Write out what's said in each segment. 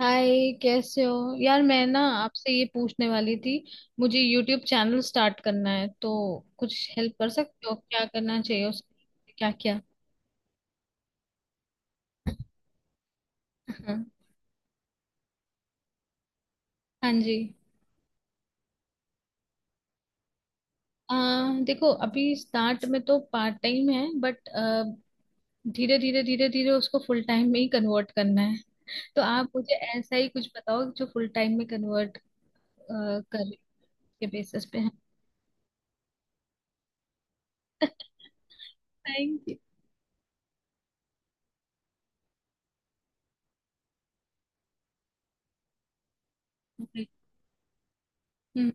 हाय, कैसे हो यार? मैं ना आपसे ये पूछने वाली थी। मुझे यूट्यूब चैनल स्टार्ट करना है तो कुछ हेल्प कर सकते हो? क्या करना चाहिए, उसके क्या क्या। हाँ। हाँ जी। आ, देखो, अभी स्टार्ट में तो पार्ट टाइम है बट धीरे धीरे उसको फुल टाइम में ही कन्वर्ट करना है। तो आप मुझे ऐसा ही कुछ बताओ जो फुल टाइम में कन्वर्ट कर के बेसिस पे है। Thank you.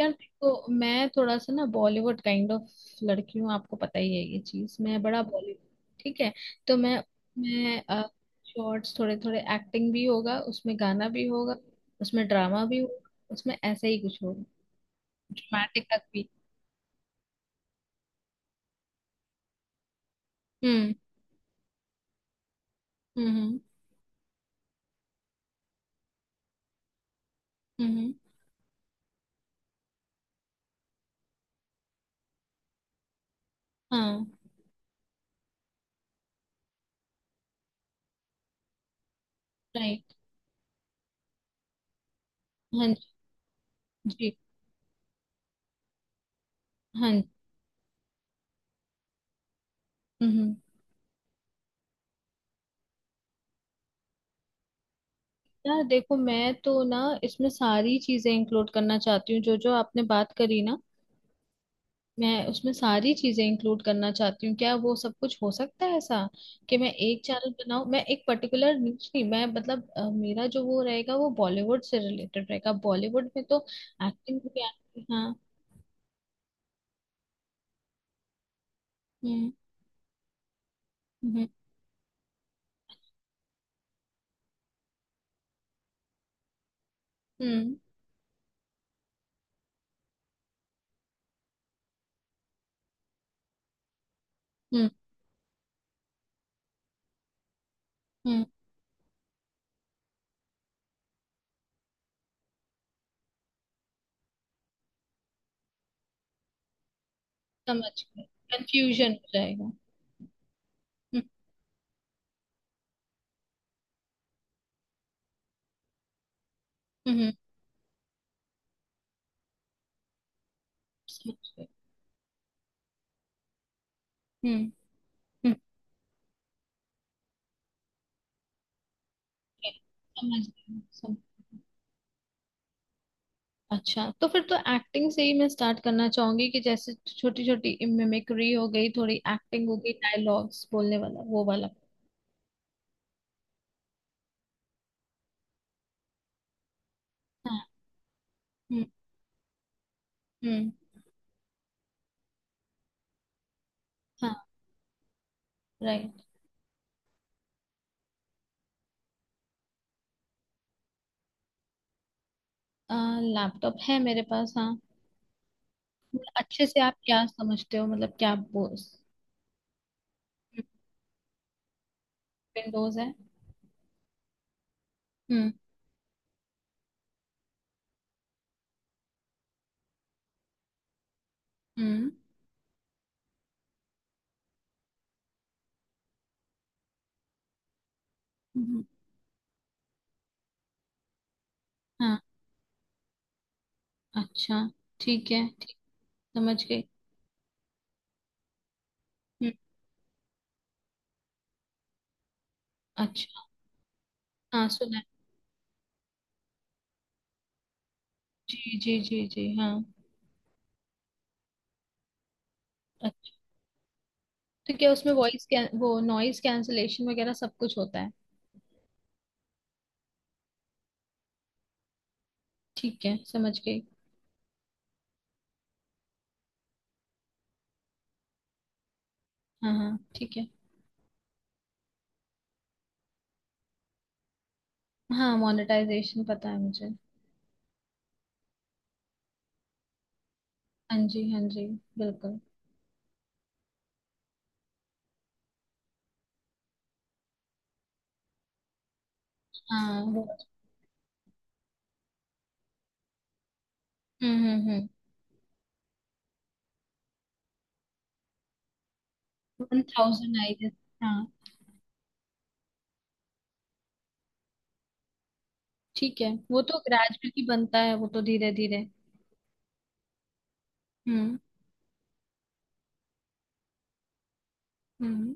यार देखो, मैं थोड़ा सा ना बॉलीवुड काइंड ऑफ लड़की हूँ। आपको पता ही है ये चीज, मैं बड़ा बॉलीवुड। ठीक है। तो मैं शॉर्ट्स, थोड़े थोड़े एक्टिंग भी होगा, उसमें गाना भी होगा। उसमें ड्रामा भी होगा। उसमें ऐसा ही कुछ होगा, ड्रामेटिक तक भी। हम्म। हम्म। हम्म। हम्म। हम्म। हाँ, राइट। हाँ जी। जी, हाँ जी। हम्म। हम्म। यार देखो, मैं तो ना इसमें सारी चीजें इंक्लूड करना चाहती हूँ जो जो आपने बात करी ना। मैं उसमें सारी चीजें इंक्लूड करना चाहती हूँ। क्या वो सब कुछ हो सकता है ऐसा कि मैं एक चैनल बनाऊं? मैं एक पर्टिकुलर न्यूज नहीं, मैं मतलब मेरा जो वो रहेगा वो बॉलीवुड से रिलेटेड रहेगा। बॉलीवुड में तो एक्टिंग भी आती है। हाँ। हम्म। हम्म। हम्म। हम्म। हम्म, समझ गए। कंफ्यूजन हो जाएगा। हम्म। हम्म। समझ गए। हम्म। हम्म। Okay, समझ गए, समझ गई। अच्छा, तो फिर तो एक्टिंग से ही मैं स्टार्ट करना चाहूंगी कि जैसे छोटी छोटी मिमिक्री हो गई, थोड़ी एक्टिंग हो गई, डायलॉग्स बोलने वाला वो वाला। हाँ। हम्म। हम्म। हाँ, राइट। लैपटॉप है मेरे पास, हाँ। मतलब अच्छे से आप क्या समझते हो, मतलब क्या बोस? विंडोज है। हम्म। हम्म। हम्म, हाँ। अच्छा, ठीक है, ठीक। समझ गई। हम्म। अच्छा। हाँ, सुना है। जी जी जी जी, हाँ। अच्छा, तो क्या उसमें वॉइस, क्या वो नॉइस कैंसलेशन वगैरह सब कुछ होता है? ठीक है, समझ गई। हाँ हाँ, ठीक है। हाँ, मोनेटाइजेशन पता है मुझे। हाँ जी, हाँ जी। बिल्कुल। हाँ, वो। हम्म। हम्म। हम्म। One thousand I guess. हाँ। ठीक है, वो तो ग्रेजुअली बनता है, वो तो धीरे धीरे। हम्म। हम्म।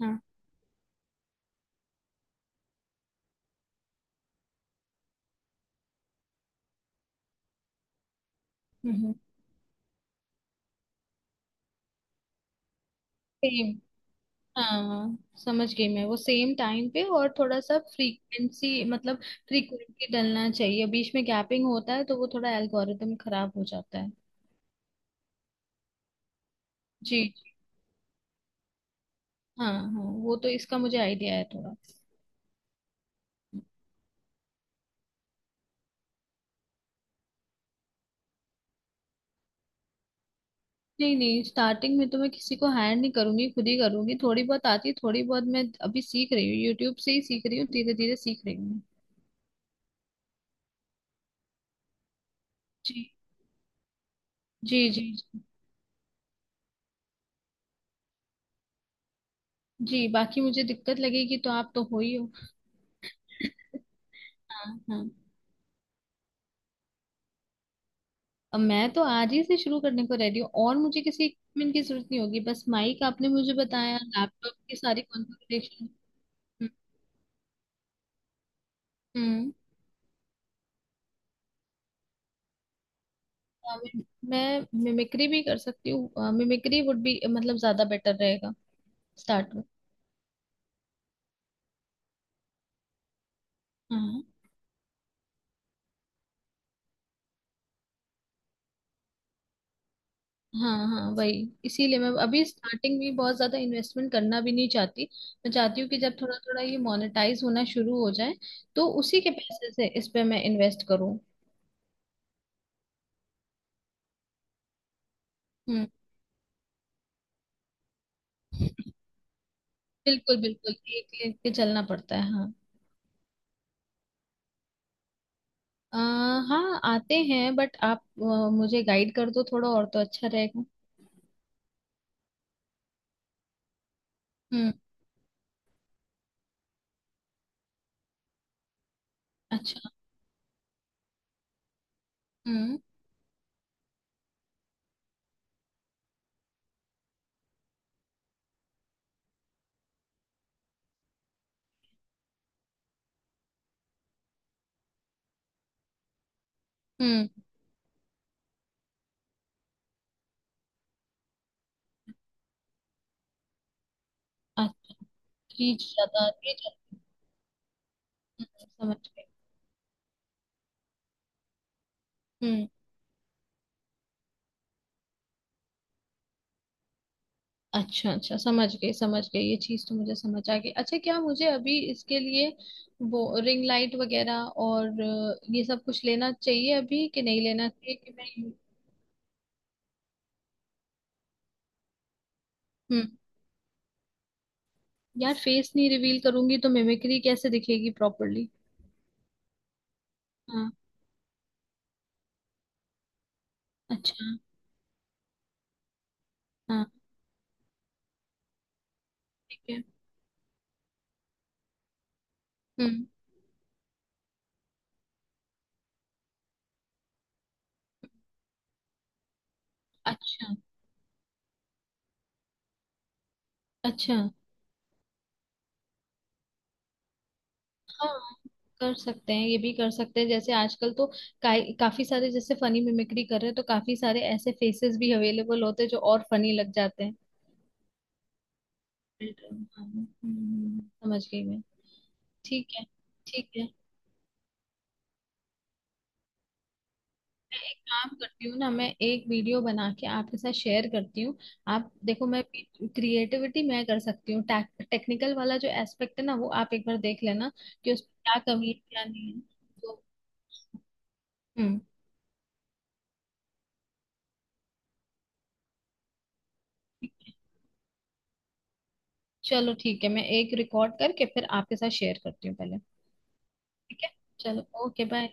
हाँ। हम्म। सेम। हाँ, समझ गई मैं वो, सेम टाइम पे और थोड़ा सा फ्रीक्वेंसी मतलब फ्रीक्वेंटली डलना चाहिए। बीच में गैपिंग होता है तो वो थोड़ा एल्गोरिदम खराब हो जाता है। जी जी। हाँ हाँ, वो तो इसका मुझे आइडिया है थोड़ा। नहीं नहीं, स्टार्टिंग में तो मैं किसी को हायर नहीं करूंगी, खुद ही करूंगी। थोड़ी बहुत आती है, थोड़ी बहुत मैं अभी सीख रही हूँ, यूट्यूब से ही सीख रही हूँ, धीरे धीरे सीख रही हूँ। जी जी जी जी। जी, बाकी मुझे दिक्कत लगेगी तो आप तो हो ही हो। हाँ हाँ। अब मैं तो आज ही से शुरू करने को रेडी हूँ, और मुझे किसी इक्विपमेंट की जरूरत नहीं होगी। बस माइक आपने मुझे बताया, लैपटॉप की सारी कॉन्फ़िगरेशन। हम्म। हम्म। मैं मिमिक्री भी कर सकती हूँ, मिमिक्री वुड भी मतलब ज्यादा बेटर रहेगा स्टार्ट में। हाँ हाँ, वही, इसीलिए मैं अभी स्टार्टिंग में बहुत ज्यादा इन्वेस्टमेंट करना भी नहीं चाहती। मैं चाहती हूँ कि जब थोड़ा थोड़ा ये मोनेटाइज होना शुरू हो जाए तो उसी के पैसे से इस पे मैं इन्वेस्ट करूँ। हम्म। बिल्कुल बिल्कुल, एक लेके के चलना पड़ता है, हाँ। आ, हाँ, आते हैं बट आप मुझे गाइड कर दो थोड़ा और तो अच्छा रहेगा। हम्म। अच्छा। हम्म। हम्म। अच्छा। थ्री ज्यादा, थ्री ज्यादा। हम्म, समझ गए। अच्छा अच्छा, समझ गई, समझ गई। ये चीज तो मुझे समझ आ गई। अच्छा, क्या मुझे अभी इसके लिए वो रिंग लाइट वगैरह और ये सब कुछ लेना चाहिए अभी कि नहीं लेना चाहिए, कि मैं। हम्म। यार, फेस नहीं रिवील करूंगी तो मिमिक्री कैसे दिखेगी प्रॉपरली? हाँ। अच्छा। हाँ, ठीक है। हम्म। अच्छा अच्छा। हाँ, कर सकते हैं, ये भी कर सकते हैं। जैसे आजकल तो काफी सारे जैसे फनी मिमिक्री कर रहे हैं, तो काफी सारे ऐसे फेसेस भी अवेलेबल होते हैं जो और फनी लग जाते हैं। रिटर्न। समझ गई मैं। ठीक है। ठीक है, मैं एक काम करती हूँ ना, मैं एक वीडियो बना के आपके साथ शेयर करती हूँ। आप देखो, मैं क्रिएटिविटी मैं कर सकती हूँ। टेक्निकल वाला जो एस्पेक्ट है ना, वो आप एक बार देख लेना कि उसमें क्या कमी है क्या नहीं है, तो। हम्म। चलो ठीक है, मैं एक रिकॉर्ड करके फिर आपके साथ शेयर करती हूँ पहले। ठीक है। चलो, ओके, बाय।